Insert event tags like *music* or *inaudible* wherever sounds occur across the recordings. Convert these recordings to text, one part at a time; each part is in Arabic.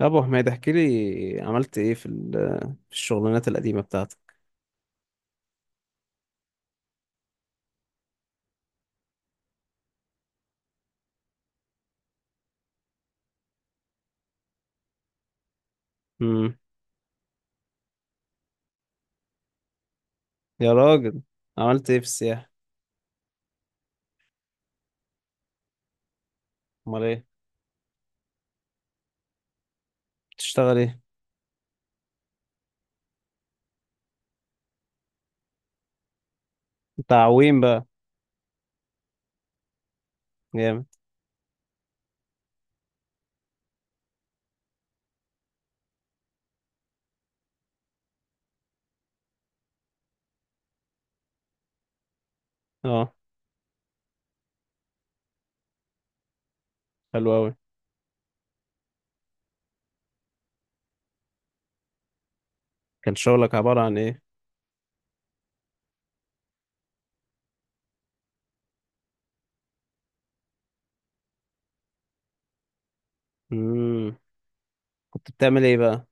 يا ابو حميد، احكي لي عملت ايه في الشغلانات القديمه بتاعتك؟ امم. يا راجل، عملت ايه في السياحه؟ امال ايه؟ بتشتغل ايه؟ تعويم بقى. جامد. اه، حلو قوي. كان شغلك عباره عن ايه؟ امم. كنت بتعمل ايه بقى؟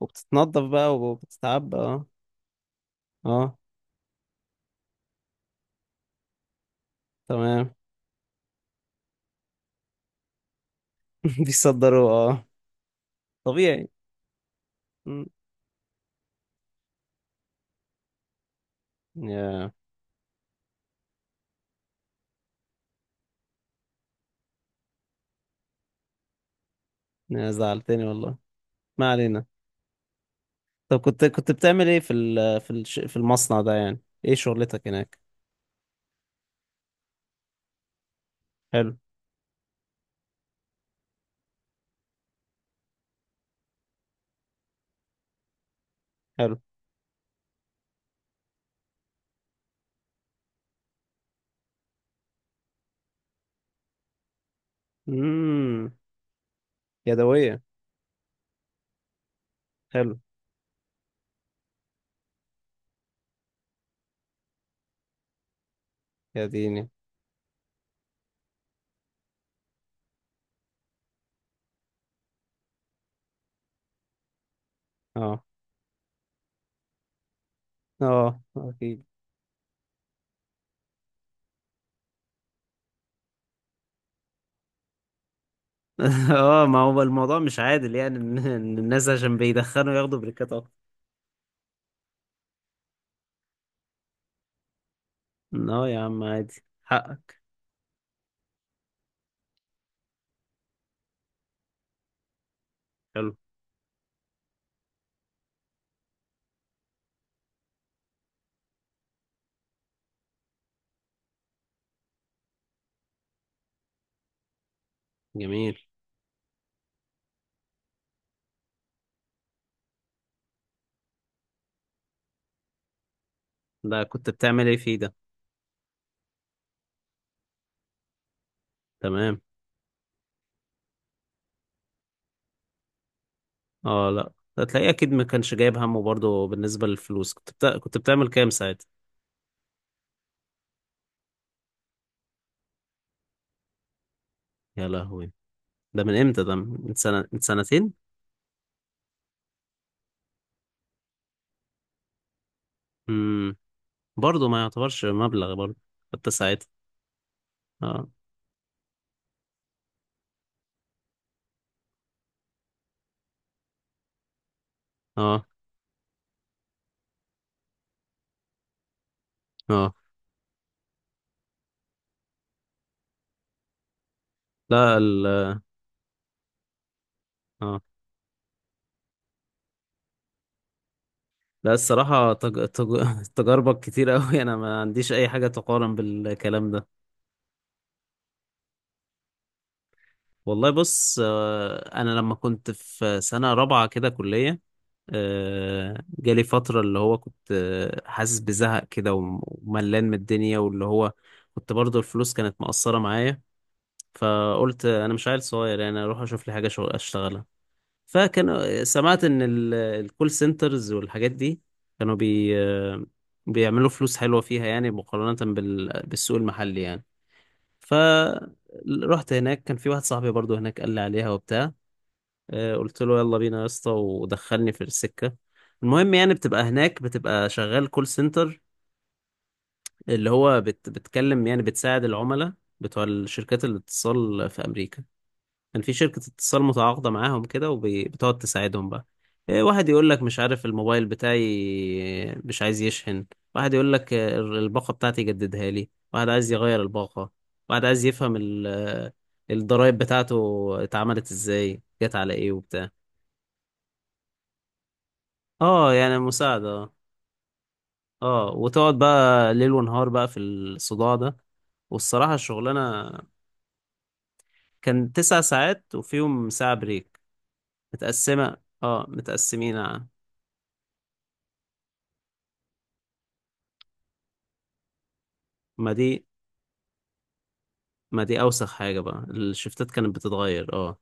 وبتتنضف بقى وبتتعب، اه. اه، تمام. *laughs* بيصدروا، اه. طبيعي. مم. يا، يا زعلتني والله. ما علينا. طب، كنت بتعمل ايه في ال... في الش... في المصنع ده يعني؟ ايه شغلتك هناك؟ حلو. حلو. امم. يدوية. حلو. يا ديني. اه، اه، اكيد. *laughs* اه، ما هو الموضوع مش عادل، يعني إن الناس عشان بيدخنوا ياخدوا بريكات اكتر. اه، يا عم عادي حقك. حلو. جميل. لا، كنت بتعمل ايه فيه ده؟ تمام. اه، لا. هتلاقيه اكيد ما كانش جايب همه، برضه بالنسبة للفلوس، كنت بتعمل كام ساعتها؟ يا لهوي. ده من امتى؟ ده من سنة، من سنتين؟ امم. برضه ما يعتبرش مبلغ برضه، حتى ساعتها. اه، اه، اه. لا، اه، لا، الصراحة *laughs* تجاربك كتير أوي، أنا ما عنديش أي حاجة تقارن بالكلام ده. والله بص، أنا لما كنت في سنة رابعة كده كلية، جالي فترة اللي هو كنت حاسس بزهق كده وملان من الدنيا، واللي هو كنت برضو الفلوس كانت مقصرة معايا. فقلت أنا مش عيل صغير، يعني أروح أشوف لي حاجة شغل أشتغلها. فكانوا سمعت ان الكول سنترز والحاجات دي كانوا بيعملوا فلوس حلوة فيها يعني، مقارنة بالسوق المحلي يعني. فرحت هناك، كان في واحد صاحبي برضو هناك قال لي عليها وبتاع، قلت له يلا بينا يا اسطى، ودخلني في السكة. المهم يعني بتبقى هناك، بتبقى شغال كول سنتر، اللي هو بتكلم يعني بتساعد العملاء بتوع الشركات الاتصال في أمريكا. كان في شركة اتصال متعاقدة معاهم كده، وبتقعد تساعدهم بقى. إيه، واحد يقول لك مش عارف الموبايل بتاعي مش عايز يشحن. واحد يقول لك، الباقة بتاعتي جددها لي. واحد عايز يغير الباقة. واحد عايز يفهم الضرايب بتاعته اتعملت ازاي، جت على ايه وبتاع. اه، يعني مساعدة، اه. وتقعد بقى ليل ونهار بقى في الصداع ده. والصراحة الشغلانة. كان 9 ساعات وفيهم ساعة بريك متقسمة. اه، متقسمين. ما دي ما دي اوسخ حاجة بقى، الشفتات كانت بتتغير، اه.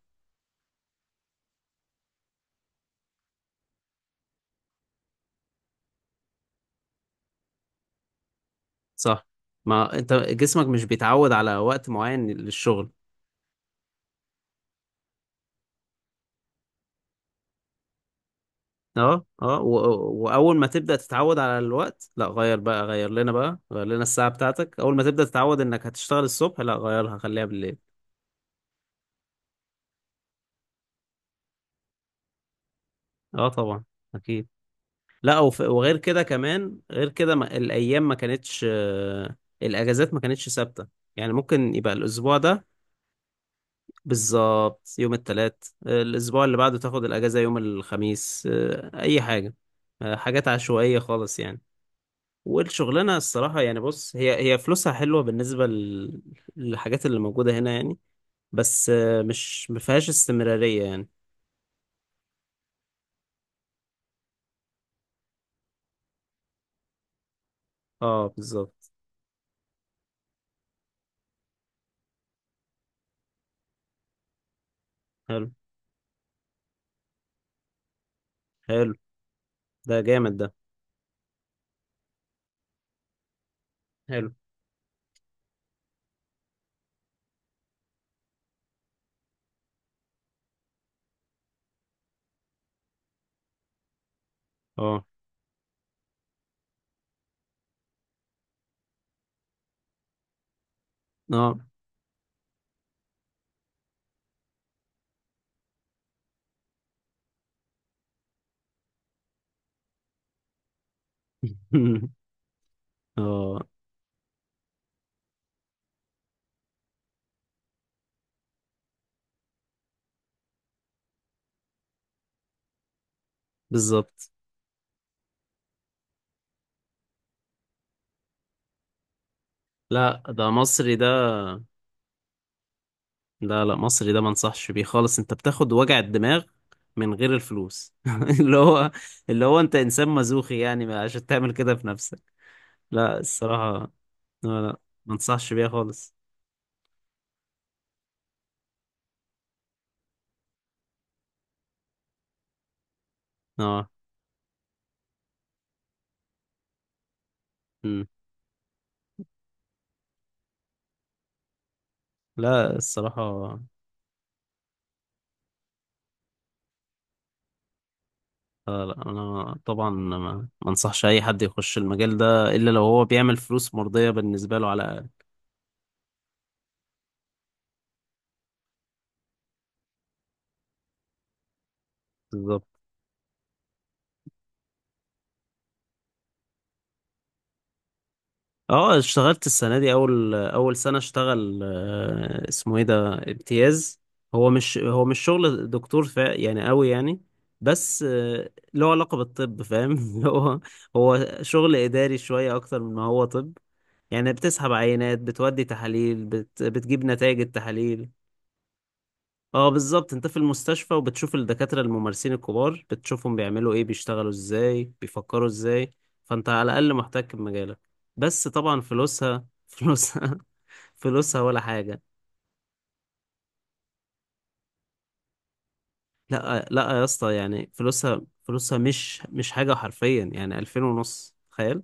صح. ما انت جسمك مش بيتعود على وقت معين للشغل. اه، اه. واول ما تبدأ تتعود على الوقت، لا غير بقى غير لنا الساعة بتاعتك، اول ما تبدأ تتعود انك هتشتغل الصبح لا غيرها خليها بالليل. اه، طبعا، اكيد. لا، وغير كده كمان غير كده، ما... الايام ما كانتش آه، الاجازات ما كانتش ثابتة. يعني ممكن يبقى الاسبوع ده. بالظبط، يوم التلات الأسبوع اللي بعده تاخد الأجازة يوم الخميس، أي حاجة. حاجات عشوائية خالص يعني. والشغلانة الصراحة يعني بص، هي فلوسها حلوة بالنسبة للحاجات اللي موجودة هنا يعني، بس مش مفيهاش استمرارية يعني. اه، بالظبط. حلو. حلو. ده جامد ده. حلو. اه، اه. *laughs* اه، بالظبط. لا، ده مصري ده. لا، لا، مصري ده، ما انصحش بيه خالص، انت بتاخد وجع الدماغ من غير الفلوس. *laughs* اللي هو اللي هو انت انسان مزوخي يعني، عشان تعمل كده في نفسك. لا، الصراحة. لا، لا، ما انصحش بيها خالص. اه. مم. لا، الصراحة. لا، لا، انا طبعا ما انصحش اي حد يخش المجال ده، الا لو هو بيعمل فلوس مرضية بالنسبة له على الاقل. بالظبط. اه، اشتغلت السنة دي، أول أول سنة اشتغل، اسمه ايه ده امتياز. هو مش شغل دكتور فا يعني قوي يعني. بس له علاقة بالطب، فاهم؟ *laughs* هو هو شغل إداري شوية أكتر من ما هو طب. يعني بتسحب عينات، بتودي تحاليل، بتجيب نتائج التحاليل. اه، بالظبط، انت في المستشفى، وبتشوف الدكاترة الممارسين الكبار، بتشوفهم بيعملوا ايه، بيشتغلوا ازاي، بيفكروا ازاي. فانت على الاقل محتك بمجالك. بس طبعا فلوسها، *laughs* فلوسها، فلوسها ولا حاجة. لا، لا، يا اسطى يعني فلوسها مش حاجة، حرفيا يعني 2500، تخيل.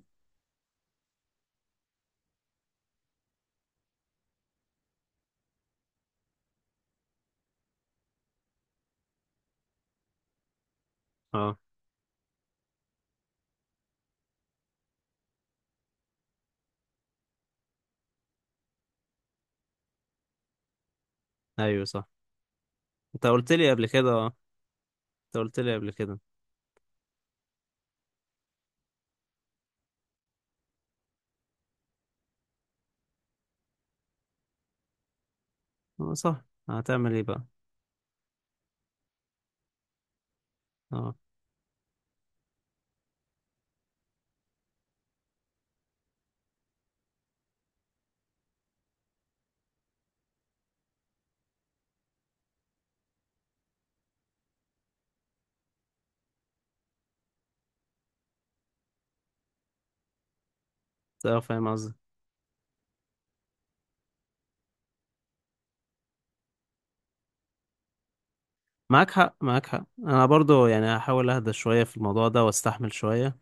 اه، ايوه، صح. انت قلت لي قبل كده، اه. انت قلت لي قبل كده. اه، صح. هتعمل ايه بقى؟ اه. أه، فاهم قصدي. معاك حق، معاك حق، انا برضو يعني هحاول اهدى شوية في الموضوع ده واستحمل شوية.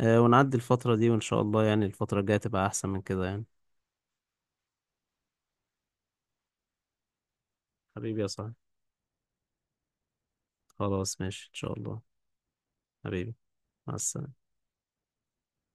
ونعدي الفترة دي، وإن شاء الله يعني الفترة الجاية تبقى أحسن من كده يعني. حبيبي يا صاحبي. خلاص، ماشي إن شاء الله. حبيبي. مع السلامة.